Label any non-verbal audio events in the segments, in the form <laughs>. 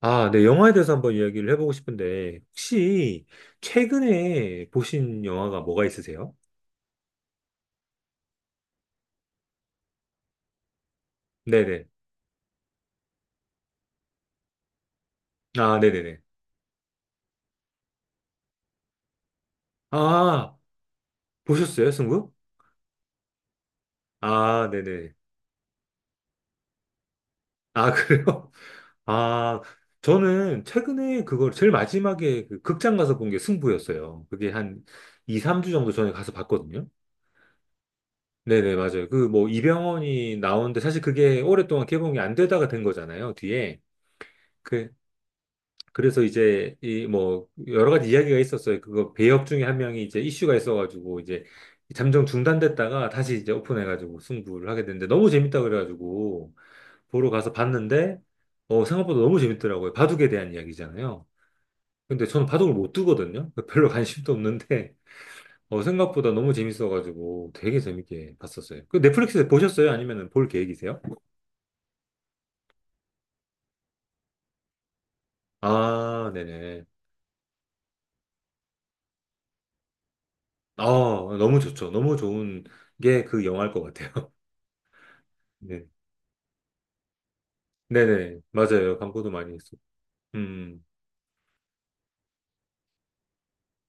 아, 네, 영화에 대해서 한번 이야기를 해보고 싶은데, 혹시 최근에 보신 영화가 뭐가 있으세요? 네네. 아, 네네네. 아, 보셨어요, 승부? 아, 네네. 아, 그래요? <laughs> 아, 저는 최근에 그걸 제일 마지막에 그 극장 가서 본 게 승부였어요. 그게 한 2, 3주 정도 전에 가서 봤거든요. 네네, 맞아요. 그 뭐 이병헌이 나오는데 사실 그게 오랫동안 개봉이 안 되다가 된 거잖아요, 뒤에. 그 그래서 이제 이 뭐 여러 가지 이야기가 있었어요. 그거 배역 중에 한 명이 이제 이슈가 있어가지고 이제 잠정 중단됐다가 다시 이제 오픈해가지고 승부를 하게 됐는데 너무 재밌다 그래가지고 보러 가서 봤는데 어 생각보다 너무 재밌더라고요. 바둑에 대한 이야기잖아요. 근데 저는 바둑을 못 두거든요. <laughs> 별로 관심도 없는데 어 생각보다 너무 재밌어가지고 되게 재밌게 봤었어요. 그 넷플릭스에 보셨어요? 아니면 볼 계획이세요? 아, 네네. 아, 너무 좋죠. 너무 좋은 게 그 영화일 것 같아요. <laughs> 네네, 맞아요. 광고도 많이 했어. 음,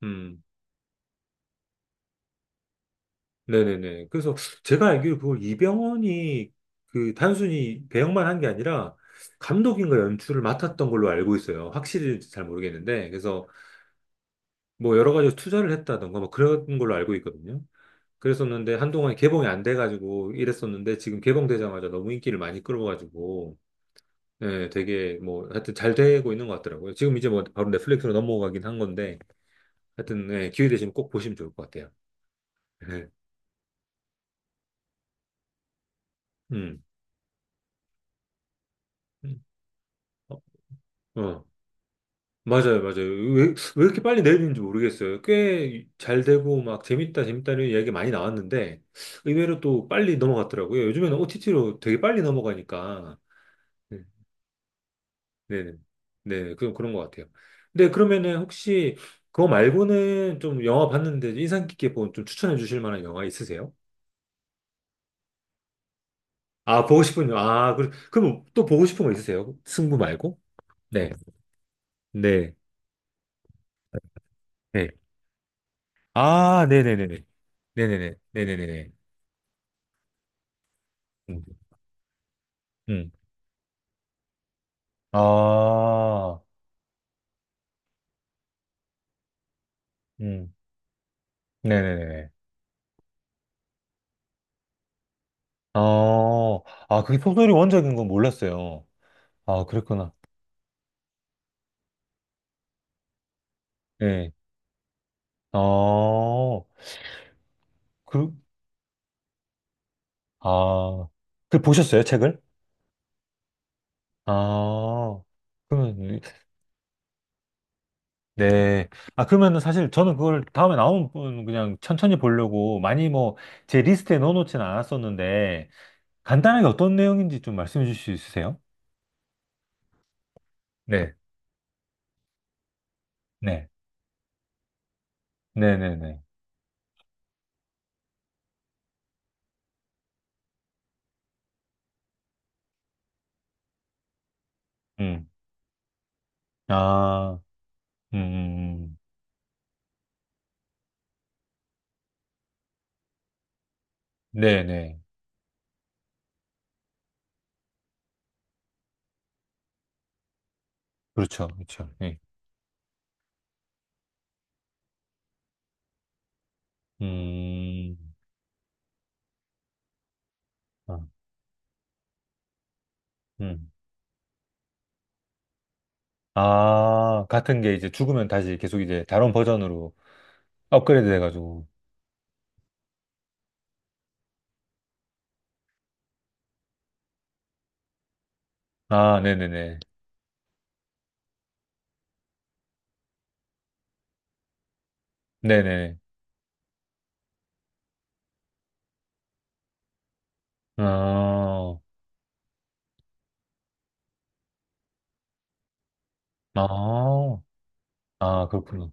음, 음. 네네네. 그래서 제가 알기로 그걸 이병헌이 그 단순히 배역만 한 게 아니라 감독인가 연출을 맡았던 걸로 알고 있어요. 확실히 잘 모르겠는데. 그래서 뭐 여러 가지 투자를 했다던가 뭐 그런 걸로 알고 있거든요. 그랬었는데 한동안 개봉이 안 돼가지고 이랬었는데 지금 개봉되자마자 너무 인기를 많이 끌어가지고 예, 되게 뭐 하여튼 잘 되고 있는 것 같더라고요. 지금 이제 뭐 바로 넷플릭스로 넘어가긴 한 건데 하여튼 예, 기회 되시면 꼭 보시면 좋을 것 같아요. 네. 음. 음. 어, 어. 맞아요, 맞아요. 왜 이렇게 빨리 내리는지 모르겠어요. 꽤 잘 되고, 막, 재밌다, 재밌다는 이야기 많이 나왔는데, 의외로 또 빨리 넘어갔더라고요. 요즘에는 OTT로 되게 빨리 넘어가니까. 네, 네, 네. 네, 그런 것 같아요. 근데 그러면은 혹시 그거 말고는 좀 영화 봤는데 인상 깊게 본 좀 추천해 주실 만한 영화 있으세요? 아, 보고 싶은, 영화. 아, 그럼 또 보고 싶은 거 있으세요? 승부 말고? 네, 네, 네. 아, 네네네네. 네네네. 네네네네. 음. 음. 아, 음. 네네네네. 어, 아, 그게 소설이 원작인 건 몰랐어요. 아, 그랬구나. 네. 어, 그, 아, 그 보셨어요, 책을? 아, 그러면, 네. 아, 그러면은 사실 저는 그걸 다음에 나오면 그냥 천천히 보려고 많이 뭐 제 리스트에 넣어놓지는 않았었는데 간단하게 어떤 내용인지 좀 말씀해 주실 수 있으세요? 네. 네. 네네네. 음. 아, 음, 음, 네네. 그렇죠. 그렇죠. 예. 아, 음. 아, 같은 게 이제 죽으면 다시 계속 이제 다른 버전으로 업그레이드 돼가지고. 아, 네네네. 네네. 아, 아, 아, 그렇구나.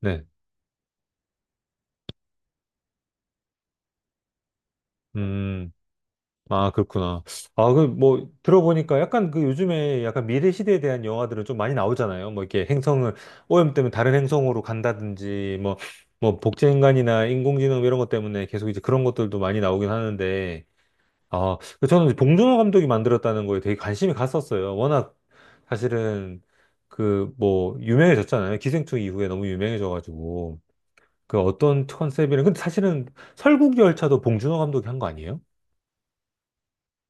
네. 음. 아, 그렇구나. 아, 그, 뭐, 들어보니까 약간 그 요즘에 약간 미래 시대에 대한 영화들은 좀 많이 나오잖아요. 뭐, 이렇게 행성을 오염 때문에 다른 행성으로 간다든지, 뭐, 뭐, 복제인간이나 인공지능 이런 것 때문에 계속 이제 그런 것들도 많이 나오긴 하는데, 아, 그 저는 이제 봉준호 감독이 만들었다는 거에 되게 관심이 갔었어요. 워낙 사실은 그, 뭐, 유명해졌잖아요. 기생충 이후에 너무 유명해져가지고. 그 어떤 컨셉이랑, 근데 사실은 설국열차도 봉준호 감독이 한 거 아니에요?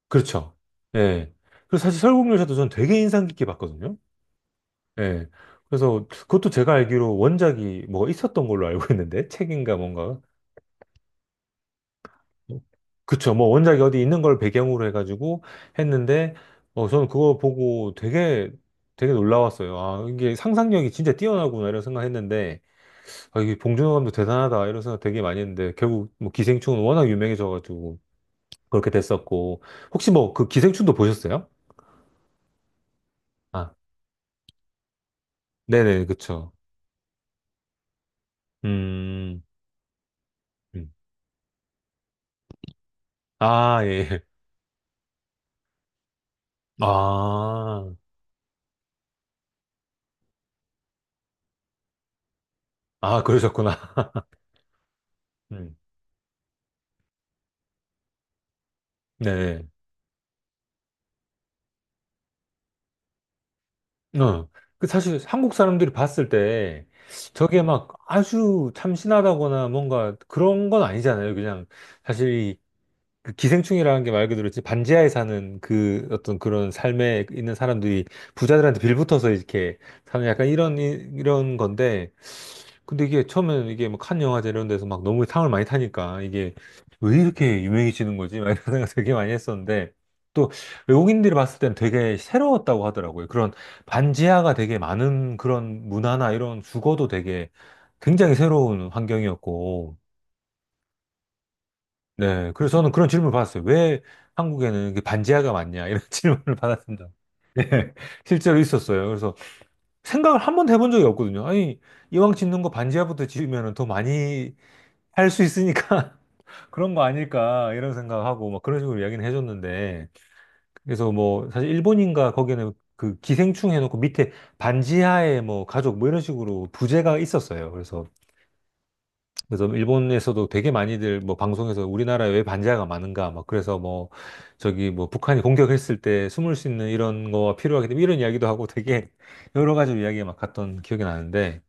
그렇죠. 예. 그리고 사실 설국열차도 전 되게 인상 깊게 봤거든요. 예. 그래서 그것도 제가 알기로 원작이 뭐 있었던 걸로 알고 있는데, 책인가 뭔가. 그쵸. 뭐 원작이 어디 있는 걸 배경으로 해가지고 했는데, 어, 저는 그거 보고 되게 놀라웠어요. 아, 이게 상상력이 진짜 뛰어나구나 이런 생각했는데, 아, 이게 봉준호 감독 대단하다 이런 생각 되게 많이 했는데, 결국 뭐 기생충은 워낙 유명해져가지고 그렇게 됐었고, 혹시 뭐 그 기생충도 보셨어요? 아, 네네, 그쵸. 음, 음. 아, 예. 아, 아, 그러셨구나. <laughs> 음, 네. 어. 그 사실 한국 사람들이 봤을 때 저게 막 아주 참신하다거나 뭔가 그런 건 아니잖아요. 그냥 사실 이그 기생충이라는 게 말 그대로 지 반지하에 사는 그 어떤 그런 삶에 있는 사람들이 부자들한테 빌붙어서 이렇게 사는 약간 이런, 이런 건데 근데 이게 처음에는 이게 뭐칸 영화제 이런 데서 막 너무 상을 많이 타니까 이게 왜 이렇게 유명해지는 거지? 막 이런 <laughs> 생각 되게 많이 했었는데 또 외국인들이 봤을 땐 되게 새로웠다고 하더라고요. 그런 반지하가 되게 많은 그런 문화나 이런 주거도 되게 굉장히 새로운 환경이었고 네. 그래서 저는 그런 질문을 받았어요. 왜 한국에는 이게 반지하가 많냐? 이런 <laughs> 질문을 받았습니다. 네, 실제로 있었어요. 그래서 생각을 한 번도 해본 적이 없거든요. 아니, 이왕 짓는 거 반지하부터 지으면 더 많이 할 수 있으니까 <laughs> 그런 거 아닐까 이런 생각하고 막 그런 식으로 이야기는 해줬는데 그래서 뭐 사실 일본인가 거기는 그 기생충 해놓고 밑에 반지하에 뭐 가족 뭐 이런 식으로 부제가 있었어요. 그래서 그래서 일본에서도 되게 많이들 뭐 방송에서 우리나라에 왜 반지하가 많은가 막 그래서 뭐 저기 뭐 북한이 공격했을 때 숨을 수 있는 이런 거가 필요하기 때문에 이런 이야기도 하고 되게 <laughs> 여러 가지 이야기가 막 갔던 기억이 나는데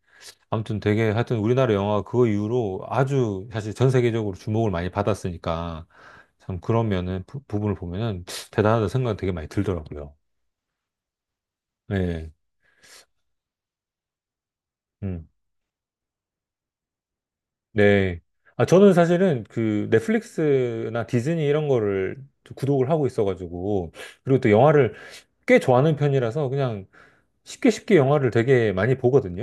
아무튼 되게 하여튼 우리나라 영화가 그 이후로 아주 사실 전 세계적으로 주목을 많이 받았으니까 참 그러면은 부, 분을 보면은 대단하다 생각이 되게 많이 들더라고요. 네. 음. 네. 아, 저는 사실은 그 넷플릭스나 디즈니 이런 거를 좀 구독을 하고 있어가지고 그리고 또 영화를 꽤 좋아하는 편이라서 그냥 쉽게 쉽게 영화를 되게 많이 보거든요.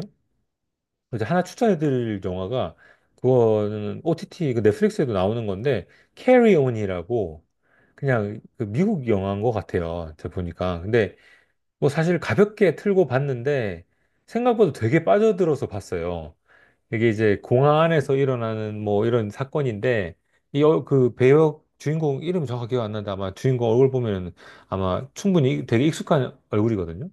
이제 하나 추천해드릴 영화가 그거는 OTT 그 넷플릭스에도 나오는 건데 캐리온이라고 그냥 그 미국 영화인 것 같아요. 제가 보니까. 근데 뭐 사실 가볍게 틀고 봤는데 생각보다 되게 빠져들어서 봤어요. 이게 이제 공항 안에서 일어나는 뭐 이런 사건인데 이 어, 그 배역 주인공 이름 정확히 기억 안 나는데 아마 주인공 얼굴 보면 아마 충분히 되게 익숙한 얼굴이거든요.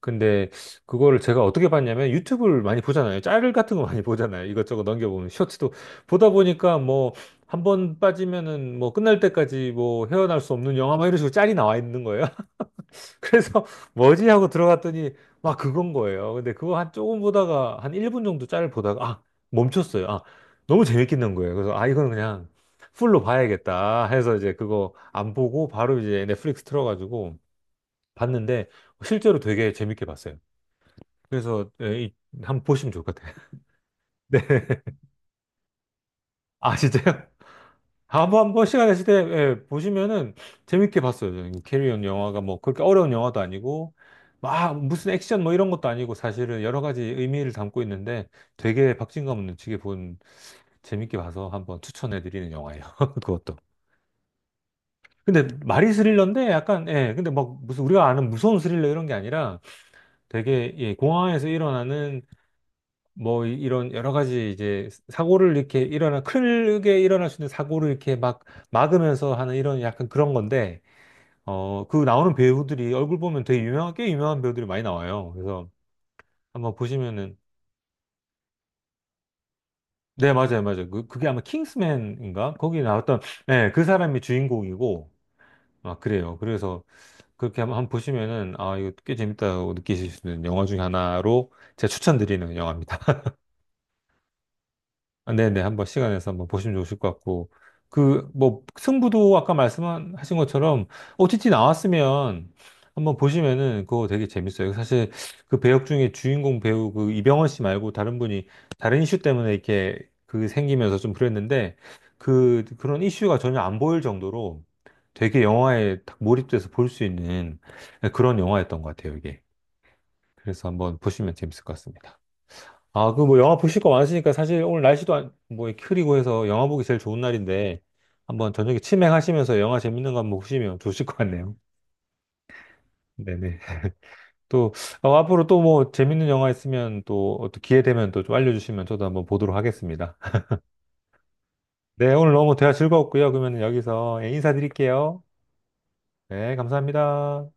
근데 그거를 제가 어떻게 봤냐면 유튜브를 많이 보잖아요. 짤 같은 거 많이 보잖아요. 이것저것 넘겨보면 쇼츠도 보다 보니까 뭐 한 번 빠지면은 뭐 끝날 때까지 뭐 헤어날 수 없는 영화 막 이런 식으로 짤이 나와 있는 거예요. <laughs> 그래서 뭐지 하고 들어갔더니 막 그건 거예요. 근데 그거 한 조금 보다가 한 1분 정도 짤 보다가 아 멈췄어요. 아 너무 재밌겠는 거예요. 그래서 아 이건 그냥 풀로 봐야겠다 해서 이제 그거 안 보고 바로 이제 넷플릭스 틀어가지고 봤는데 실제로 되게 재밌게 봤어요. 그래서 예, 한번 보시면 좋을 것 같아요. <laughs> 네. 아, 진짜요? 한번 한번 시간 되실 때 예, 보시면은 재밌게 봤어요. 저는 캐리온 영화가 뭐 그렇게 어려운 영화도 아니고 막 무슨 액션 뭐 이런 것도 아니고 사실은 여러 가지 의미를 담고 있는데 되게 박진감 넘치게 본 재밌게 봐서 한번 추천해 드리는 영화예요. <laughs> 그것도. 근데 말이 스릴러인데 약간 예 근데 막 무슨 우리가 아는 무서운 스릴러 이런 게 아니라 되게 예, 공항에서 일어나는 뭐 이런 여러 가지 이제 사고를 이렇게 일어나 크게 일어날 수 있는 사고를 이렇게 막 막으면서 하는 이런 약간 그런 건데 어 그 나오는 배우들이 얼굴 보면 되게 유명한 꽤 유명한 배우들이 많이 나와요. 그래서 한번 보시면은 네 맞아요 맞아요 그게 아마 킹스맨인가 거기 나왔던 네그 사람이 주인공이고 아 그래요. 그래서 그렇게 한번 한번 보시면은 아 이거 꽤 재밌다고 느끼실 수 있는 영화 중에 하나로 제가 추천드리는 영화입니다. 아, 네네. 한번 시간 내서 한번 보시면 좋으실 것 같고. 그, 뭐, 승부도 아까 말씀하신 것처럼 OTT 나왔으면 한번 보시면은 그거 되게 재밌어요. 사실 그 배역 중에 주인공 배우 그 이병헌 씨 말고 다른 분이 다른 이슈 때문에 이렇게 그 생기면서 좀 그랬는데 그런 이슈가 전혀 안 보일 정도로 되게 영화에 딱 몰입돼서 볼 수 있는 그런 영화였던 것 같아요, 이게. 그래서 한번 보시면 재밌을 것 같습니다. 아, 그 뭐 영화 보실 거 많으시니까 사실 오늘 날씨도 뭐 흐리고 해서 영화 보기 제일 좋은 날인데 한번 저녁에 치맥하시면서 영화 재밌는 거 한번 보시면 좋으실 것 같네요. 네네. 또 어, 앞으로 또 뭐 재밌는 영화 있으면 또 어떤 기회 되면 또 좀 알려주시면 저도 한번 보도록 하겠습니다. <laughs> 네, 오늘 너무 대화 즐거웠고요. 그러면 여기서 예, 인사드릴게요. 네, 감사합니다.